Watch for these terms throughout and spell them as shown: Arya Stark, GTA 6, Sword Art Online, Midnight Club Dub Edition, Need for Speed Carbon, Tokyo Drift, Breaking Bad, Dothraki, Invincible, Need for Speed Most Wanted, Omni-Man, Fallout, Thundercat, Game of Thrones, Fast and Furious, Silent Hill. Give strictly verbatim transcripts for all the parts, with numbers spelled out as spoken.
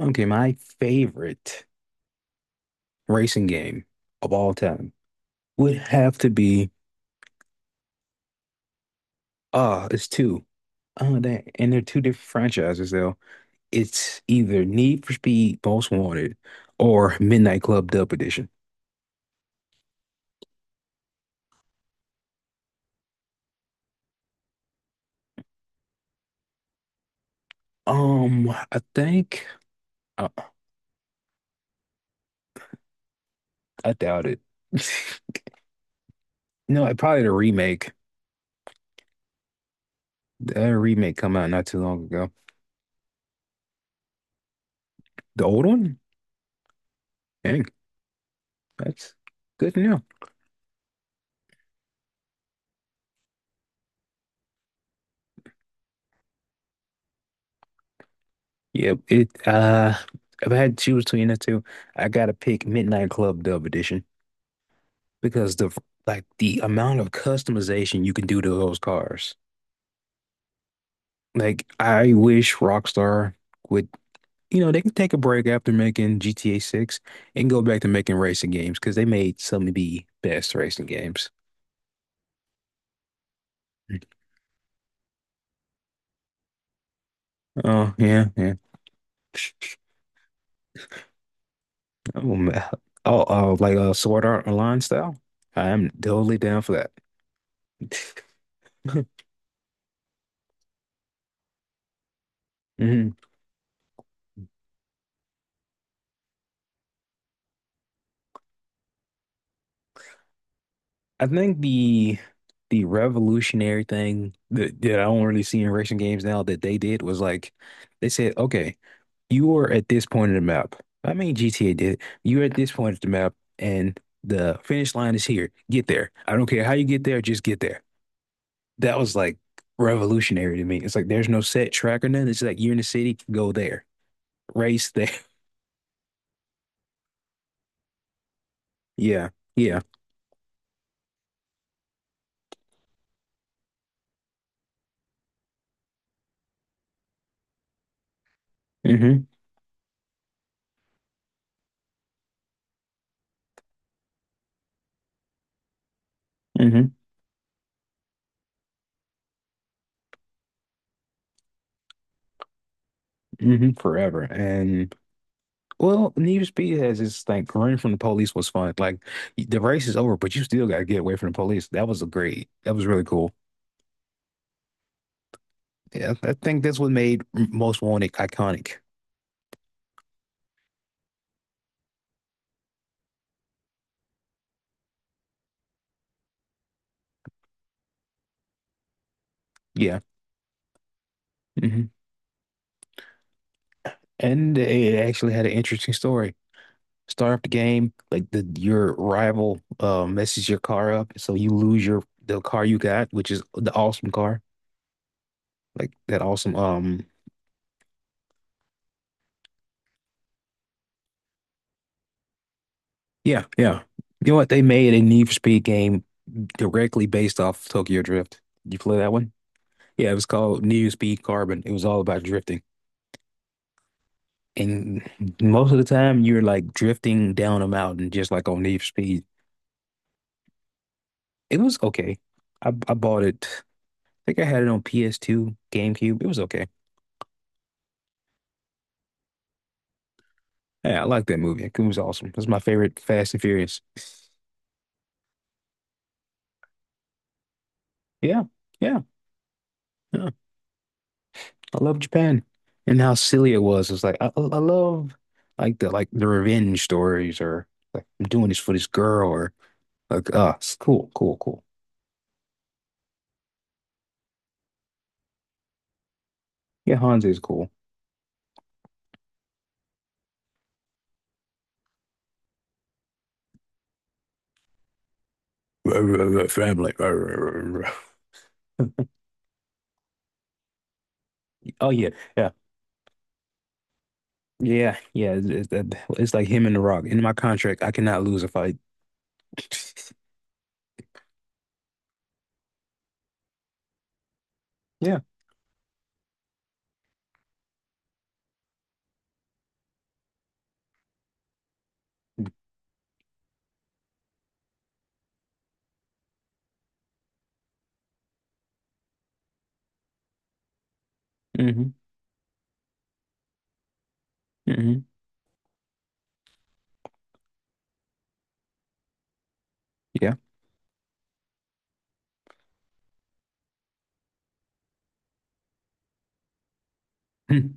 Okay, my favorite racing game of all time would have to be ah, it's two. Oh, that and they're two different franchises though. It's either Need for Speed Most Wanted or Midnight Club Dub Edition. Um, I think uh, I doubt it. No, it- probably the remake. The remake come out not too long ago. The old one? Dang, that's good to know. Yeah, it uh if I had to choose between the two, I gotta pick Midnight Club Dub Edition because the like the amount of customization you can do to those cars. Like I wish Rockstar would, you know, they can take a break after making G T A six and go back to making racing games because they made some of the best racing games. Oh yeah, yeah. Oh, man. oh, oh, like a Sword Art Online style. I'm totally down for that. Mhm. I think the the revolutionary thing that, that I don't really see in racing games now that they did was like they said, okay, you are at this point in the map. I mean G T A did. You're at this point of the map and the finish line is here. Get there. I don't care how you get there, just get there. That was like revolutionary to me. It's like there's no set track or nothing. It's like you're in the city, go there. Race there. Yeah. Yeah. hmm hmm hmm Forever. And Well, Need for Speed has this like running from the police was fun. Like the race is over, but you still got to get away from the police. That was a great. That was really cool. Yeah, I think that's what made Most Wanted iconic. Yeah, hmm And it actually had an interesting story. Start up the game, like the your rival uh, messes your car up, so you lose your the car you got, which is the awesome car, like that awesome. Um, yeah, yeah. You know what? They made a Need for Speed game directly based off Tokyo Drift. You play that one? Yeah, it was called Near Speed Carbon. It was all about drifting. And most of the time you're like drifting down a mountain just like on Need for Speed. It was okay. I I bought it. I think I had it on P S two, GameCube. It was okay. Yeah, I like that movie. It was awesome. It's my favorite Fast and Furious. Yeah, yeah, yeah. I love Japan and how silly it was. It's like I, I I love like the like the revenge stories or like I'm doing this for this girl or like uh it's cool, cool, cool. Yeah, Hanzo is cool. Family. Oh yeah, yeah, yeah, yeah. It's, it's that- it's like him and The Rock. In my contract, I cannot lose a fight. Yeah. hmm hmm Yeah. Hmm.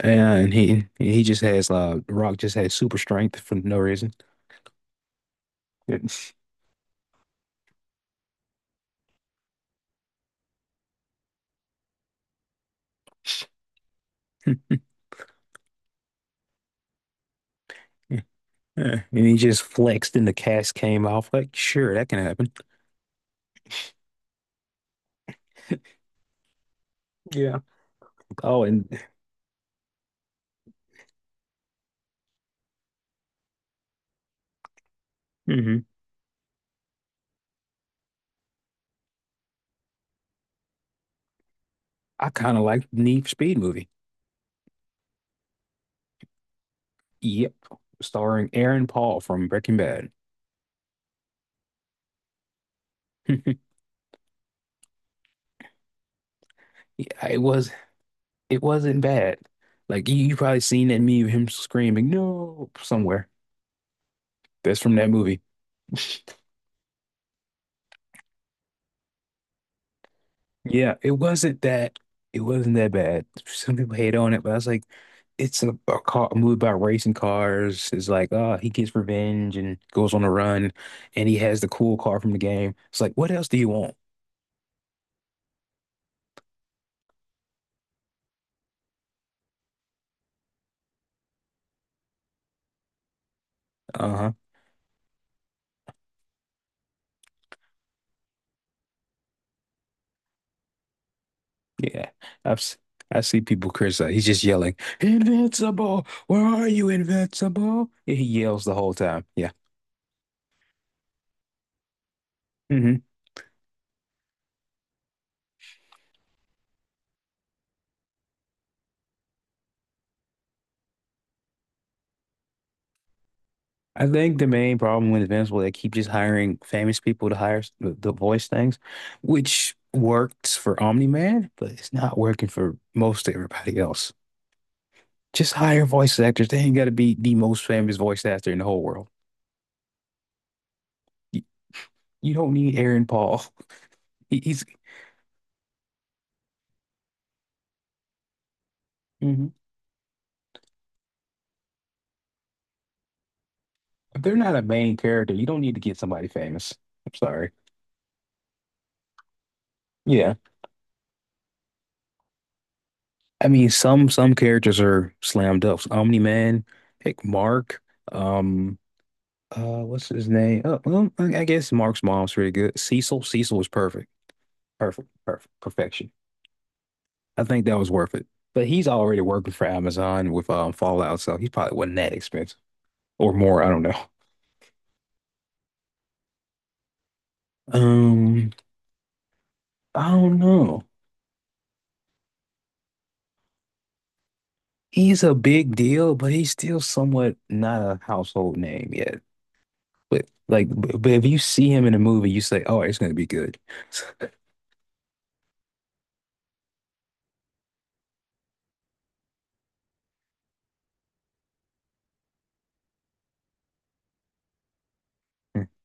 And he he just has uh The Rock just has super strength for no reason. Yeah. Yeah. And he just flexed and the cast came off. Like, sure, that can happen. Yeah. Oh, and hmm I kind of like Need for Speed movie. Yep. Starring Aaron Paul from Breaking Bad. Yeah, it was It wasn't bad. Like you, you probably seen that meme of him screaming no somewhere. That's from that movie. Yeah, it wasn't that. It wasn't that bad. Some people hate on it, but I was like, it's a, a car a movie about racing cars. It's like, oh, he gets revenge and goes on a run, and he has the cool car from the game. It's like, what else do you want? Uh-huh. Yeah, I've s- I see people criticize. He's just yelling, "Invincible! Where are you, Invincible?" And he yells the whole time. Yeah. Mm-hmm. I think the main problem with Invincible, they keep just hiring famous people to hire the, the voice things, which works for Omni-Man, but it's not working for most everybody else. Just hire voice actors. They ain't got to be the most famous voice actor in the whole world. You, you don't need Aaron Paul. He, he's mhm. If they're not a main character. You don't need to get somebody famous. I'm sorry. Yeah, I mean some some characters are slam dunks. Omni-Man, heck, Mark. Um, Uh, what's his name? Oh, well, I I guess Mark's mom's pretty good. Cecil, Cecil was perfect, perfect, perfect, perfection. I think that was worth it. But he's already working for Amazon with um Fallout, so he probably wasn't that expensive or more. I don't know. Um, I don't know. He's a big deal, but he's still somewhat not a household name yet. But like, b- but if you see him in a movie, you say, "Oh, it's gonna be good."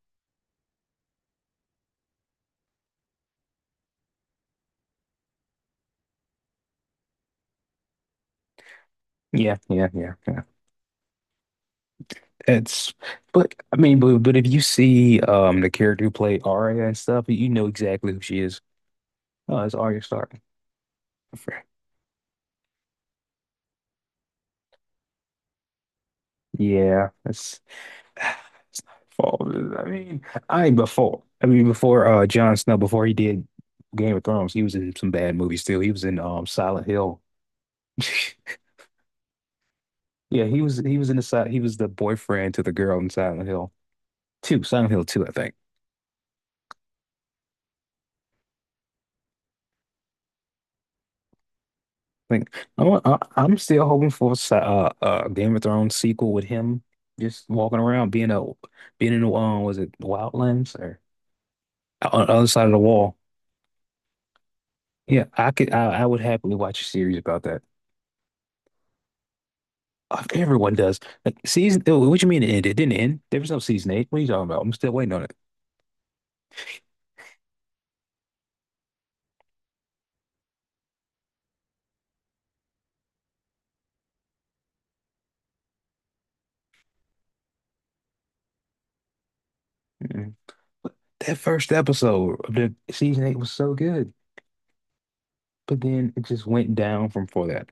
Yeah, yeah, yeah. yeah. It's, but I mean, but, but if you see um the character who played Arya and stuff, you know exactly who she is. Oh, it's Arya Stark. Yeah, that's it's not her fault. I mean, I before I mean before uh Jon Snow before he did Game of Thrones, he was in some bad movies too. He was in um Silent Hill. Yeah, he was he was in the side. He was the boyfriend to the girl in Silent Hill two, Silent Hill two, I think. Like I'm, I- I'm still hoping for a, si- uh, a Game of Thrones sequel with him just walking around being a being in the um was it Wildlands or uh, on the other side of the wall. Yeah, I could I, I would happily watch a series about that. Uh, Everyone does. Like season, oh, what you mean it ended? It didn't end. There was no season eight. What are you talking about? I'm still waiting on it. Mm-hmm. But That first episode of the season eight was so good, but then it just went down from for that.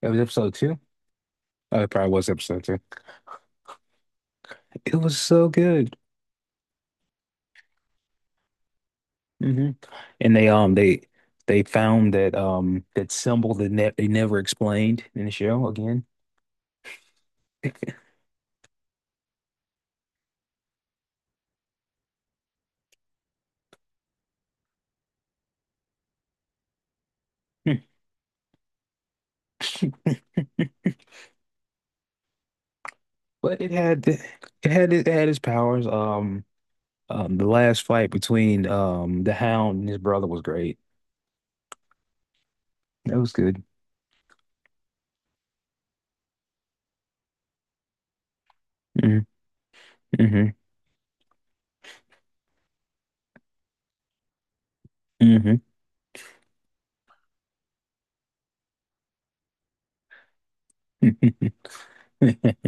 That was episode two. Oh, it probably was episode two. It was so good. Hmm And they um they they found that um that symbol that ne they never explained in the show again. Hmm. But it had it had it had its powers. Um, um, the last fight between um the Hound and his brother was great. That was good. Mm-hmm. Mm-hmm.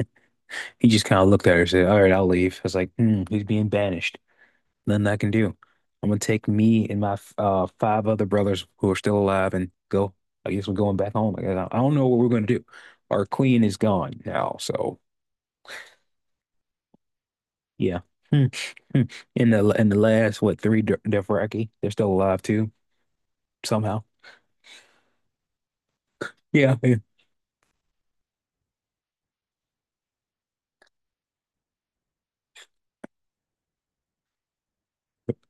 He just kind of looked at her and said, All right, I'll leave. I was like, hmm, he's being banished. Nothing I can do. I'm gonna take me and my f- uh five other brothers who are still alive and go. I guess we're going back home. Like, I don't I don't know what we're gonna do. Our queen is gone now, so yeah. Hmm. Hmm. In the in the last what three Dothraki, Dothraki, they're still alive too somehow. Yeah, man.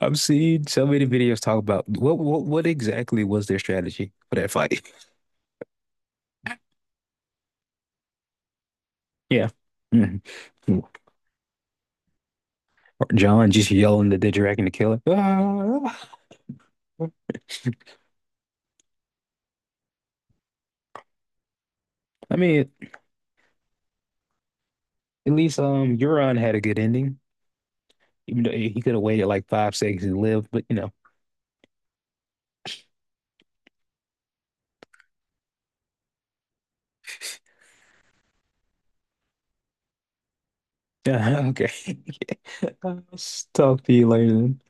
I've seen so many videos talk about what what what exactly was their strategy for that fight. Yeah. Mhm. Or John just yelling the Didgeridoo the killer. Ah! I mean, at least um Euron had a good ending, even though he could have waited like five seconds and lived. But you know, okay. I'll talk to you later. Then.